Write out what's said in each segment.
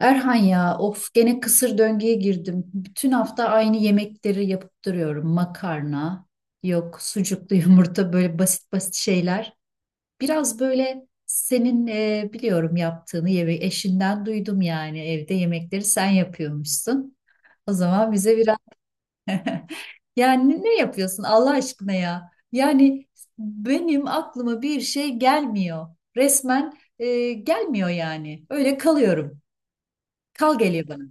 Erhan ya of gene kısır döngüye girdim. Bütün hafta aynı yemekleri yapıp duruyorum. Makarna, yok sucuklu yumurta böyle basit basit şeyler. Biraz böyle senin biliyorum yaptığını yemek eşinden duydum yani evde yemekleri sen yapıyormuşsun. O zaman bize biraz yani ne yapıyorsun Allah aşkına ya? Yani benim aklıma bir şey gelmiyor. Resmen gelmiyor yani. Öyle kalıyorum. Kal geliyor bana.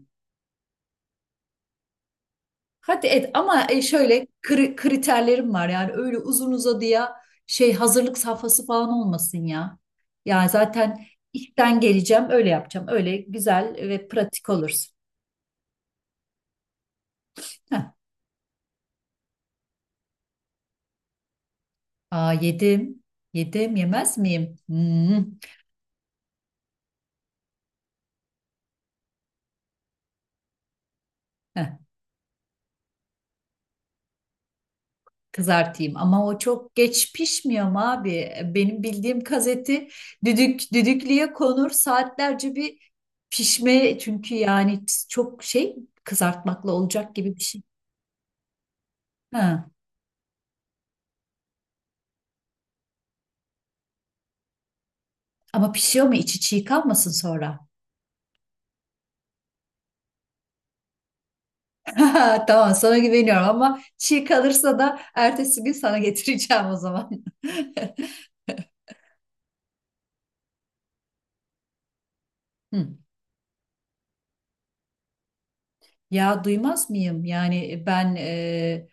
Hadi et ama şöyle kriterlerim var yani öyle uzun uzadıya şey hazırlık safhası falan olmasın ya. Yani zaten işten geleceğim öyle yapacağım öyle güzel ve pratik olursun. Heh. Aa, yedim yemez miyim? Hmm. Heh, kızartayım ama o çok geç pişmiyor mu abi? Benim bildiğim gazeti düdük düdüklüye konur saatlerce bir pişme çünkü yani çok şey kızartmakla olacak gibi bir şey. Ha. Ama pişiyor mu içi çiğ kalmasın sonra? Tamam sana güveniyorum ama çiğ kalırsa da ertesi gün sana getireceğim o zaman. Hı. Ya duymaz mıyım? Yani ben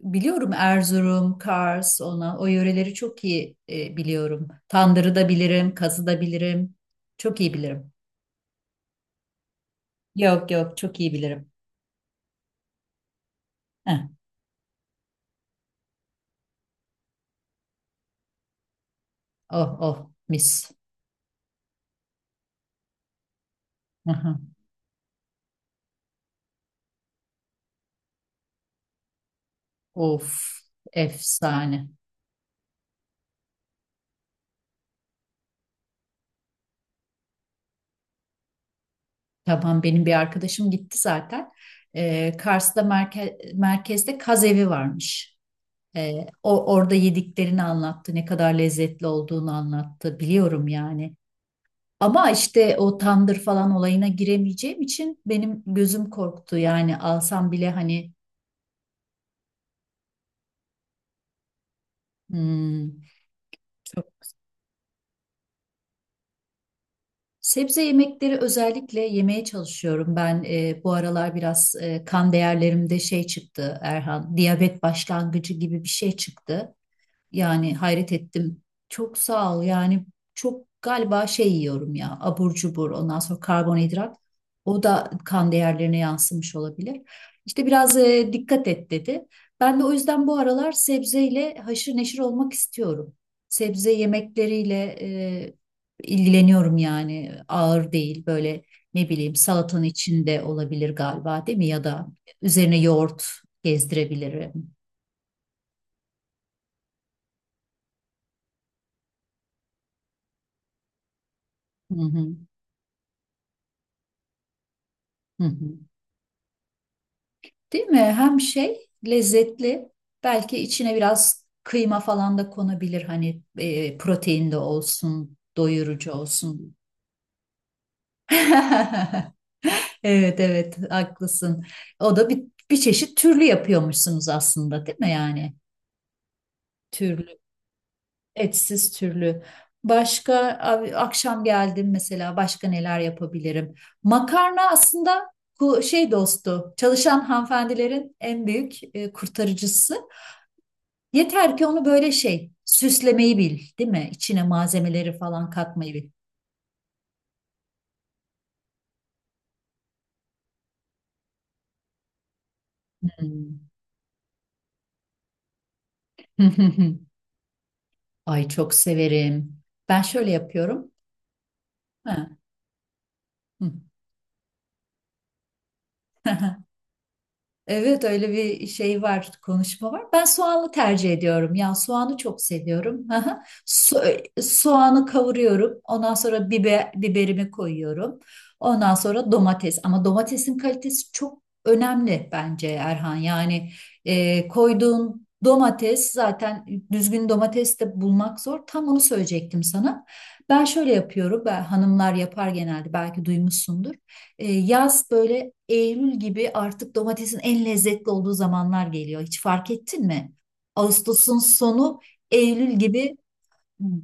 biliyorum Erzurum, Kars, ona o yöreleri çok iyi biliyorum. Tandırı da bilirim, kazı da bilirim. Çok iyi bilirim. Yok yok çok iyi bilirim. Heh. Oh oh mis. Hı hı. Of efsane. Tamam benim bir arkadaşım gitti zaten. Kars'ta merkezde kaz evi varmış. O orada yediklerini anlattı, ne kadar lezzetli olduğunu anlattı. Biliyorum yani. Ama işte o tandır falan olayına giremeyeceğim için benim gözüm korktu. Yani alsam bile hani hmm, çok- sebze yemekleri özellikle yemeye çalışıyorum. Ben bu aralar biraz kan değerlerimde şey çıktı Erhan, diyabet başlangıcı gibi bir şey çıktı. Yani hayret ettim. Çok sağ ol. Yani çok galiba şey yiyorum ya abur cubur ondan sonra karbonhidrat. O da kan değerlerine yansımış olabilir. İşte biraz dikkat et dedi. Ben de o yüzden bu aralar sebzeyle haşır neşir olmak istiyorum. Sebze yemekleriyle e, ilgileniyorum yani ağır değil böyle ne bileyim salatanın içinde olabilir galiba değil mi? Ya da üzerine yoğurt gezdirebilirim. Hı hı. Hı hı. Değil mi? Hem şey lezzetli. Belki içine biraz kıyma falan da konabilir. Hani protein de olsun, doyurucu olsun. Evet evet haklısın. O da bir çeşit türlü yapıyormuşsunuz aslında değil mi yani? Türlü, etsiz türlü. Başka abi, akşam geldim mesela başka neler yapabilirim? Makarna aslında şey dostu, çalışan hanımefendilerin en büyük kurtarıcısı. Yeter ki onu böyle şey süslemeyi bil, değil mi? İçine malzemeleri falan katmayı bil. Hmm. Ay çok severim. Ben şöyle yapıyorum. Ha. Evet öyle bir şey var, konuşma var. Ben soğanlı tercih ediyorum. Ya soğanı çok seviyorum. Aha. Soğanı kavuruyorum. Ondan sonra biber, biberimi koyuyorum. Ondan sonra domates. Ama domatesin kalitesi çok önemli bence Erhan. Yani koyduğun domates zaten düzgün domates de bulmak zor. Tam onu söyleyecektim sana. Ben şöyle yapıyorum. Ben, hanımlar yapar genelde belki duymuşsundur. E, yaz böyle Eylül gibi artık domatesin en lezzetli olduğu zamanlar geliyor. Hiç fark ettin mi? Ağustos'un sonu Eylül gibi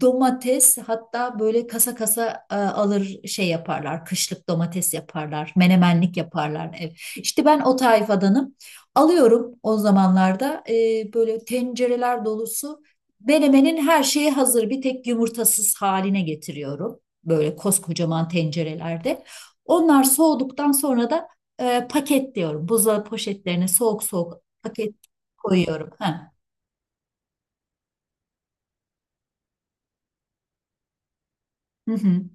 domates hatta böyle kasa kasa alır şey yaparlar. Kışlık domates yaparlar. Menemenlik yaparlar ev. İşte ben o tayfadanım. Alıyorum o zamanlarda böyle tencereler dolusu menemenin her şeyi hazır bir tek yumurtasız haline getiriyorum. Böyle koskocaman tencerelerde. Onlar soğuduktan sonra da paketliyorum. Buzdolabı poşetlerine soğuk soğuk paket koyuyorum. Ha. Hı hı.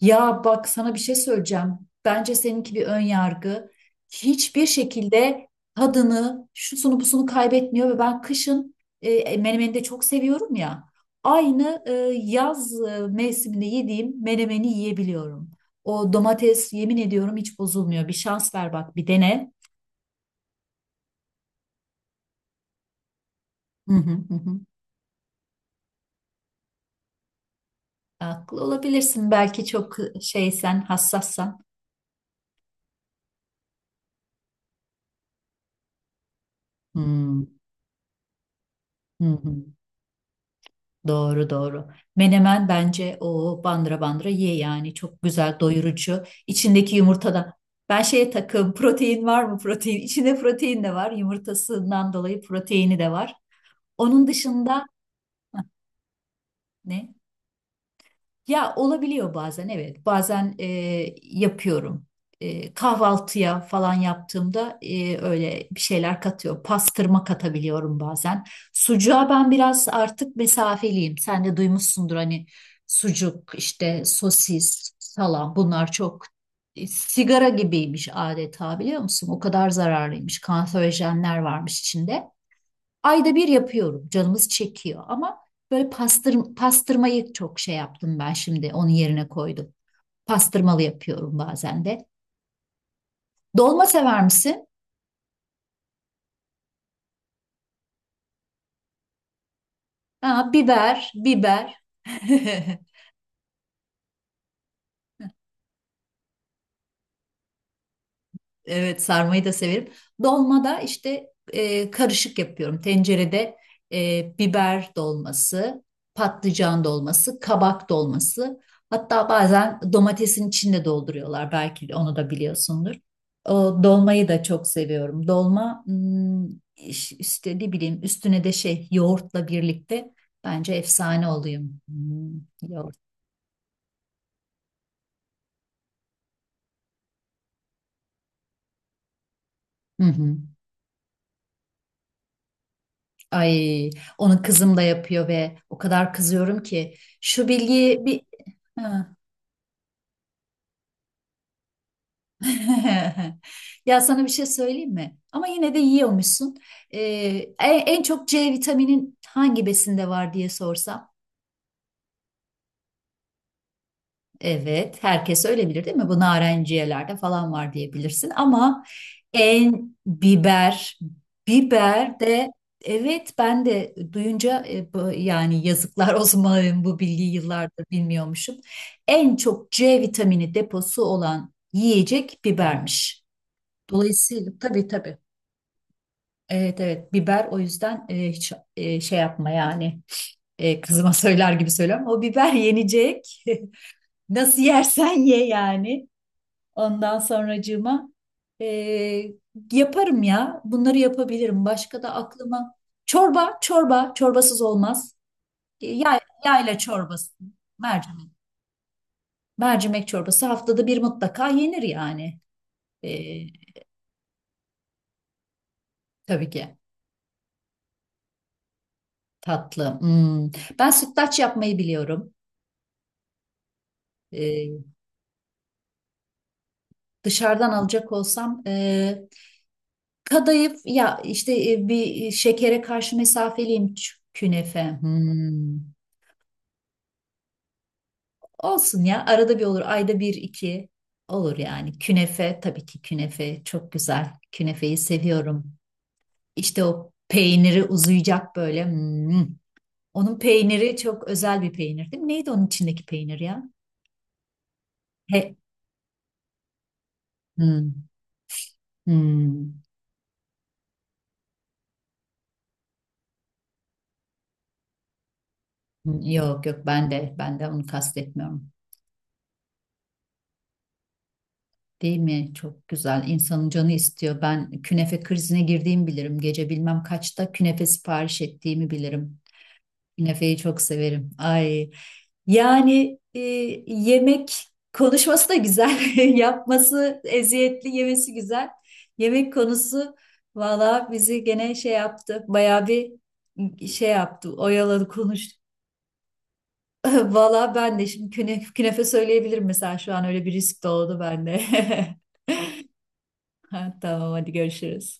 Ya bak sana bir şey söyleyeceğim. Bence seninki bir ön yargı. Hiçbir şekilde tadını, şusunu busunu kaybetmiyor ve ben kışın menemeni de çok seviyorum ya. Aynı yaz mevsiminde yediğim menemeni yiyebiliyorum. O domates yemin ediyorum hiç bozulmuyor. Bir şans ver bak bir dene. Hı hı hı. Hı. Haklı olabilirsin belki çok şeysen, hassassan. Hı hı. Hı. Doğru doğru. Menemen bence o bandıra bandıra ye yani çok güzel doyurucu. İçindeki yumurtadan ben şeye takım protein var mı protein? İçinde protein de var yumurtasından dolayı proteini de var. Onun dışında ne? Ya olabiliyor bazen evet. Bazen yapıyorum. E, kahvaltıya falan yaptığımda öyle bir şeyler katıyor. Pastırma katabiliyorum bazen. Sucuğa ben biraz artık mesafeliyim. Sen de duymuşsundur hani sucuk, işte sosis, salam bunlar çok sigara gibiymiş adeta biliyor musun? O kadar zararlıymış. Kanserojenler varmış içinde. Ayda bir yapıyorum. Canımız çekiyor ama böyle pastırmayı çok şey yaptım ben şimdi onun yerine koydum. Pastırmalı yapıyorum bazen de. Dolma sever misin? Ha, biber, biber. Evet sarmayı da severim. Dolmada işte karışık yapıyorum. Tencerede biber dolması, patlıcan dolması, kabak dolması. Hatta bazen domatesin içinde dolduruyorlar. Belki de onu da biliyorsundur. O dolmayı da çok seviyorum. Dolma hmm, işte ne bileyim üstüne de şey yoğurtla birlikte bence efsane oluyor. Hmm, yoğurt. Hı hı. Ay, onu kızım da yapıyor ve o kadar kızıyorum ki şu bilgiyi bir ha. Ya sana bir şey söyleyeyim mi? Ama yine de yiyormuşsun. Ee, en çok C vitaminin hangi besinde var diye sorsam. Evet, herkes öyle bilir değil mi? Bu narenciyelerde falan var diyebilirsin ama en biber, biber de evet ben de duyunca yani yazıklar olsun bana, bu bilgiyi yıllardır bilmiyormuşum. En çok C vitamini deposu olan yiyecek bibermiş. Dolayısıyla tabii tabii. Evet evet biber o yüzden hiç şey yapma yani e, kızıma söyler gibi söylüyorum. O biber yenecek. Nasıl yersen ye yani. Ondan sonracığıma eee, yaparım ya. Bunları yapabilirim. Başka da aklıma çorba, çorba, çorbasız olmaz. E, Yay, yayla çorbası, mercimek. Mercimek çorbası haftada bir mutlaka yenir yani. Eee, tabii ki tatlı. Hmm. Ben sütlaç yapmayı biliyorum. Eee, dışarıdan alacak olsam kadayıf ya işte bir şekere karşı mesafeliyim künefe. Hmm. Olsun ya arada bir olur ayda bir iki olur yani künefe tabii ki künefe çok güzel künefeyi seviyorum işte o peyniri uzayacak böyle hmm. Onun peyniri çok özel bir peynir değil mi? Neydi onun içindeki peynir ya? He. Hmm. Hmm. Yok yok ben de onu kastetmiyorum değil mi? Çok güzel insanın canı istiyor ben künefe krizine girdiğimi bilirim gece bilmem kaçta künefe sipariş ettiğimi bilirim. Künefeyi çok severim. Ay. Yani yemek konuşması da güzel, yapması eziyetli, yemesi güzel. Yemek konusu valla bizi gene şey yaptı, bayağı bir şey yaptı, oyaladı konuştu. Valla ben de şimdi künefe söyleyebilirim mesela şu an öyle bir risk doğdu bende. Ha, tamam hadi görüşürüz.